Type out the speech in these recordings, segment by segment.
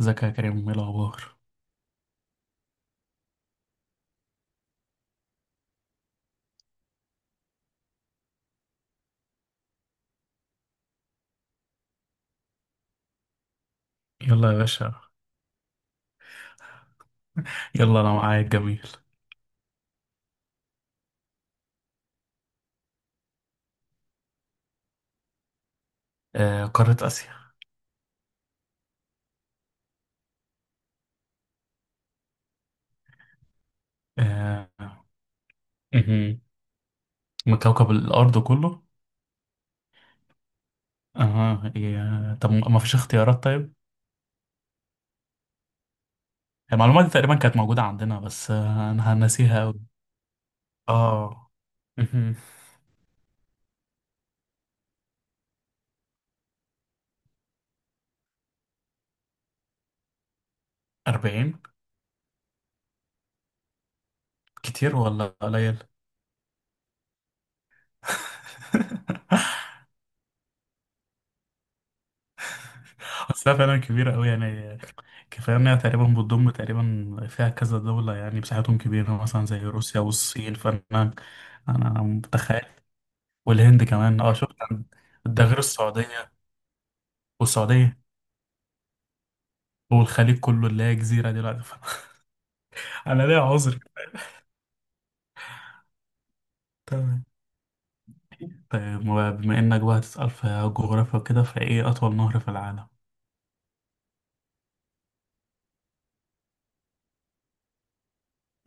ازيك يا كريم؟ ايه الاخبار؟ يلا يا باشا. يلا انا معاك، جميل. آه، قارة اسيا. آه، مهم. من كوكب الارض كله؟ اه، طب ما فيش اختيارات؟ طيب. المعلومات دي تقريبا كانت موجودة عندنا، بس انا هنسيها قوي. اه، مهم. 40؟ كتير ولا قليل؟ أصلها فعلا كبيرة أوي يعني. كفاية إنها تقريبا بتضم، تقريبا فيها كذا دولة يعني، مساحتهم كبيرة مثلا زي روسيا والصين، فأنا. أنا متخيل. والهند كمان. ده غير السعودية. والسعودية. والخليج كله اللي هي جزيرة دلوقتي. أنا ليا عذر. تمام. طيب، بما إنك بقى هتسأل في جغرافيا وكده، فإيه أطول نهر في العالم؟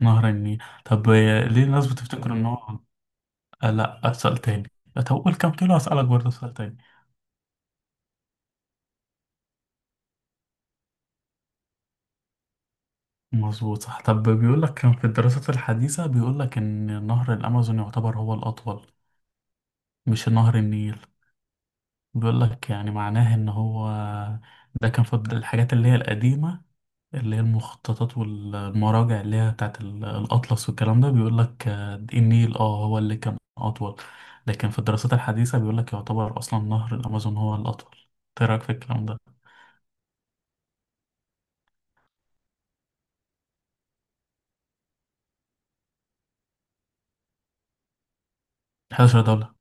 نهر النيل، طب. ليه الناس بتفتكر إن هو، لأ، أسأل تاني. طب قول كام كيلو، هسألك برضه سؤال تاني. مظبوط، صح. طب بيقول لك كان في الدراسات الحديثة بيقول لك إن نهر الأمازون يعتبر هو الأطول، مش نهر النيل. بيقول لك يعني معناه إن هو، ده كان في الحاجات اللي هي القديمة، اللي هي المخططات والمراجع اللي هي بتاعت الأطلس والكلام ده، بيقول لك النيل هو اللي كان أطول. لكن في الدراسات الحديثة بيقول لك يعتبر أصلا نهر الأمازون هو الأطول. إيه رأيك في الكلام ده؟ 11 دولة.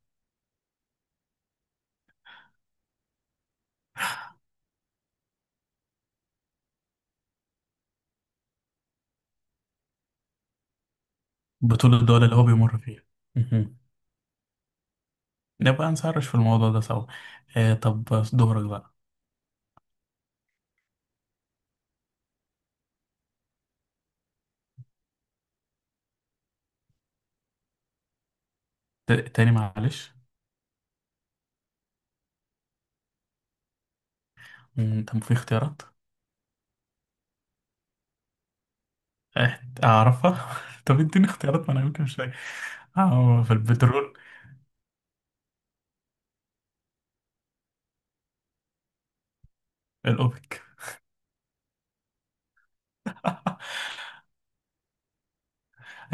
بطول الدول اللي هو بيمر فيها. نبقى نسرش في الموضوع ده سوا. طب، دورك بقى. تاني معلش. طب، في اختيارات؟ أعرفها. طب اديني اختيارات، ما أنا يمكن مش فاكر. في البترول. الأوبك.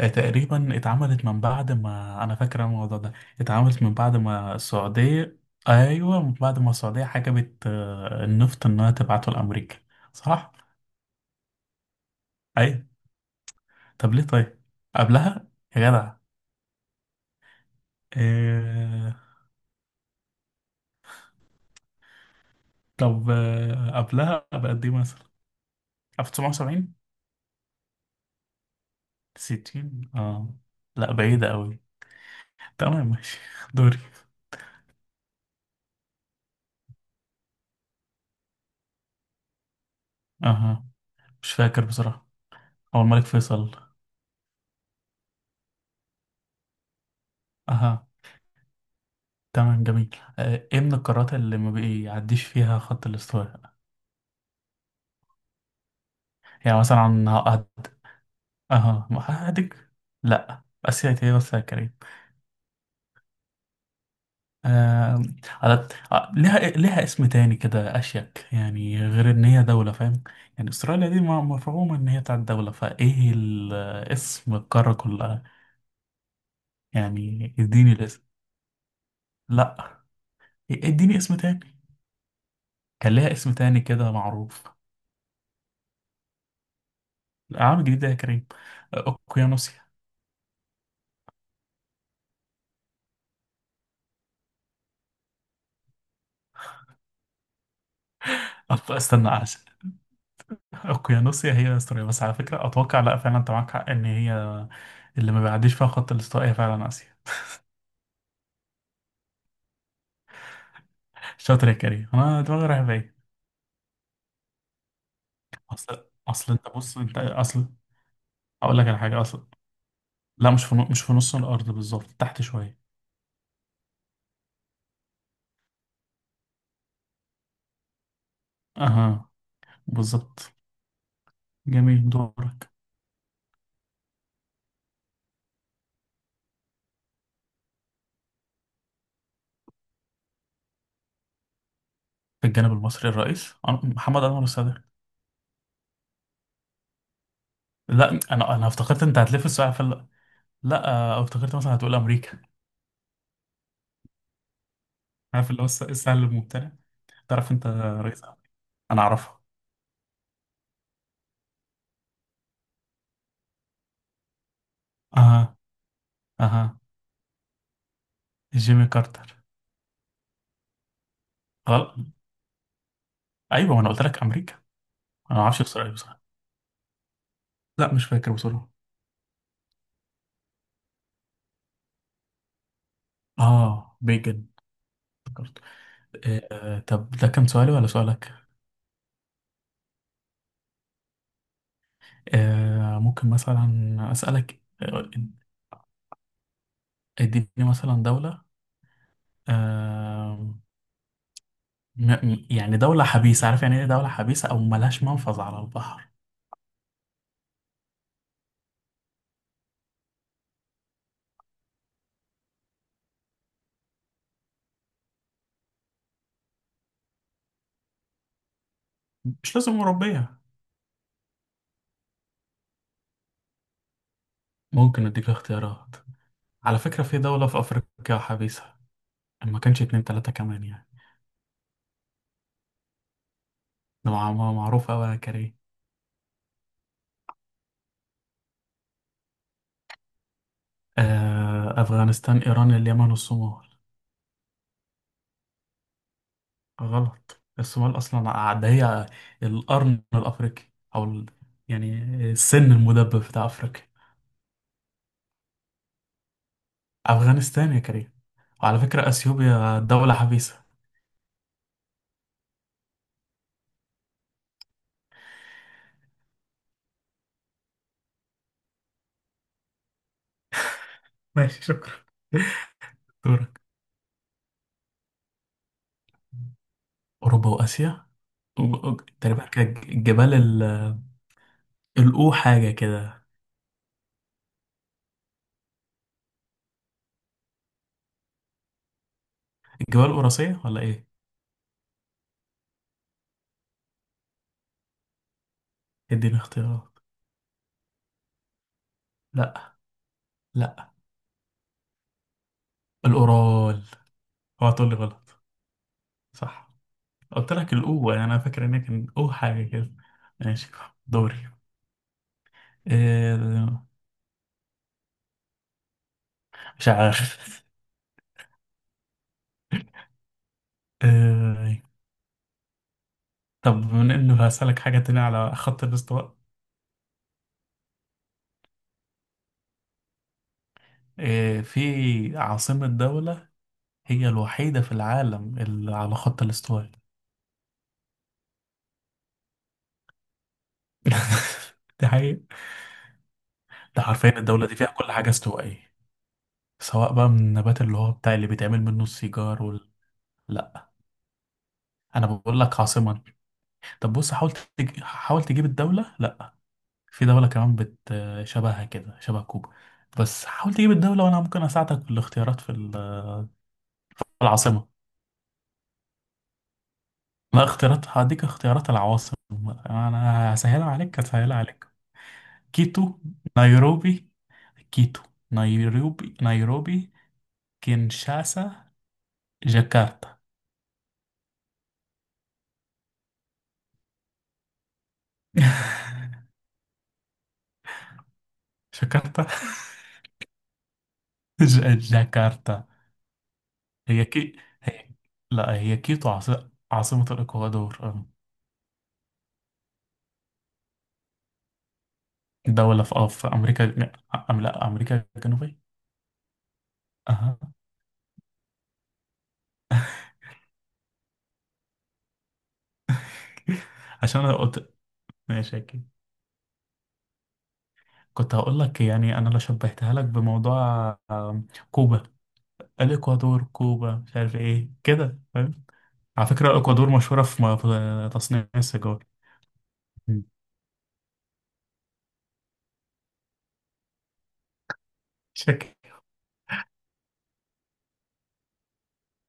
تقريبا اتعملت من بعد ما، أنا فاكر الموضوع ده، اتعملت من بعد ما السعودية. أيوه، من بعد ما السعودية حجبت النفط إنها تبعته لأمريكا، صح؟ أيوه. طب ليه طيب؟ قبلها يا جدع. آه. طب قبلها بقد إيه مثلا؟ 1970؟ 60؟ اه. لا، بعيدة قوي. تمام، ماشي. دوري. اها. مش فاكر بصراحة. هو الملك فيصل. اها. تمام، جميل. ايه من القارات اللي ما بيعديش فيها خط الاستواء؟ يعني مثلا، عن هقعد. اها، هادك. لا، اسيا ايه بس يا كريم؟ آه، ليها إيه، ليها اسم تاني كده اشيك يعني، غير ان هي دولة، فاهم؟ يعني استراليا دي مفهومة ان هي بتاعت دولة، فايه اسم القارة كلها؟ يعني اديني الاسم. لا، اديني اسم تاني. كان ليها اسم تاني كده معروف. العام الجديد ده يا كريم؟ اوكيانوسيا. استنى عشان اوكيانوسيا هي استراليا بس، على فكرة اتوقع. لا، فعلا انت معاك حق ان هي اللي ما بيعديش فيها خط الاستواء هي فعلا اسيا. شاطر يا كريم، انا دماغي رايحة بعيد. اصل، انت بص، انت اصل، اقول لك على حاجة. اصل لا، مش في نص الارض بالظبط، تحت شوية. اها، بالظبط. جميل، دورك. في الجانب المصري، الرئيس محمد انور السادات. لا، انا افتكرت انت هتلف السؤال في لا، افتكرت مثلا هتقول امريكا. عارف اللي هو السهل الممتنع، تعرف انت رئيس أمريكا. انا اعرفها. اها. اها. جيمي كارتر. غلط. ايوه، ما انا قلت لك امريكا. انا ما اعرفش بسرعه بصراحه. لا، مش فاكر بسرعه. اه، بيجن. افتكرت. آه. طب ده كان سؤالي ولا سؤالك؟ ممكن مثلا اسالك. اديني مثلا دوله، آه يعني دولة حبيسة، عارف يعني ايه دولة حبيسة، او ملهاش منفذ على البحر؟ مش لازم أوروبية. ممكن أديك اختيارات. على فكرة، في دولة في أفريقيا حبيسة. ما كانش اتنين تلاتة كمان يعني، ده معروف أوي يا كريم. أفغانستان، إيران، اليمن، والصومال. غلط. الصومال أصلا ده هي القرن الأفريقي، أو يعني السن المدبب بتاع أفريقيا. أفغانستان يا كريم، وعلى فكرة أثيوبيا دولة حبيسة. ماشي، شكرا. دورك. أوروبا وآسيا و- و- تقريبا كان الجبال الأو حاجة كده. جبال قراصية ولا ايه؟ اديني اختيارات. لا. لا. الأورال، اوعى تقول لي غلط. صح. قلت لك الأو يعني، انا فاكر ان هي كان أو حاجة كده. ماشي، دوري. إيه؟ مش عارف. إيه؟ طب بما انه هسألك حاجة تانية على خط الاستواء. إيه، في عاصمة دولة هي الوحيدة في العالم اللي على خط الاستواء. دي حقيقة. ده حرفيا الدولة دي فيها كل حاجة استوائية، سواء بقى من النبات اللي هو بتاع اللي بيتعمل منه السيجار لا، انا بقول لك عاصمة. طب بص، حاول حاول تجيب الدولة، لا. في دولة كمان شبهها كده، شبه كوبا. بس حاول تجيب الدولة، وانا ممكن اساعدك بالاختيارات في في العاصمة. لا، اختيارات هديك اختيارات العواصم. انا هسهلها عليك، هسهلها عليك. كيتو، نيروبي، كيتو، نيروبي، نيروبي، كينشاسا، جاكرتا. جاكرتا. جاكرتا. هي كي، هي، لا هي كيتو عاصمة الإكوادور. دولة في أمريكا. لا، أمريكا الجنوبية. أها. عشان أنا قلت، ماشي، أكيد. كنت هقول لك يعني، أنا لو شبهتها لك بموضوع كوبا، الإكوادور، كوبا، مش عارف إيه كده، فاهم؟ على فكرة الإكوادور مشهورة في تصنيع السيجار. شكل.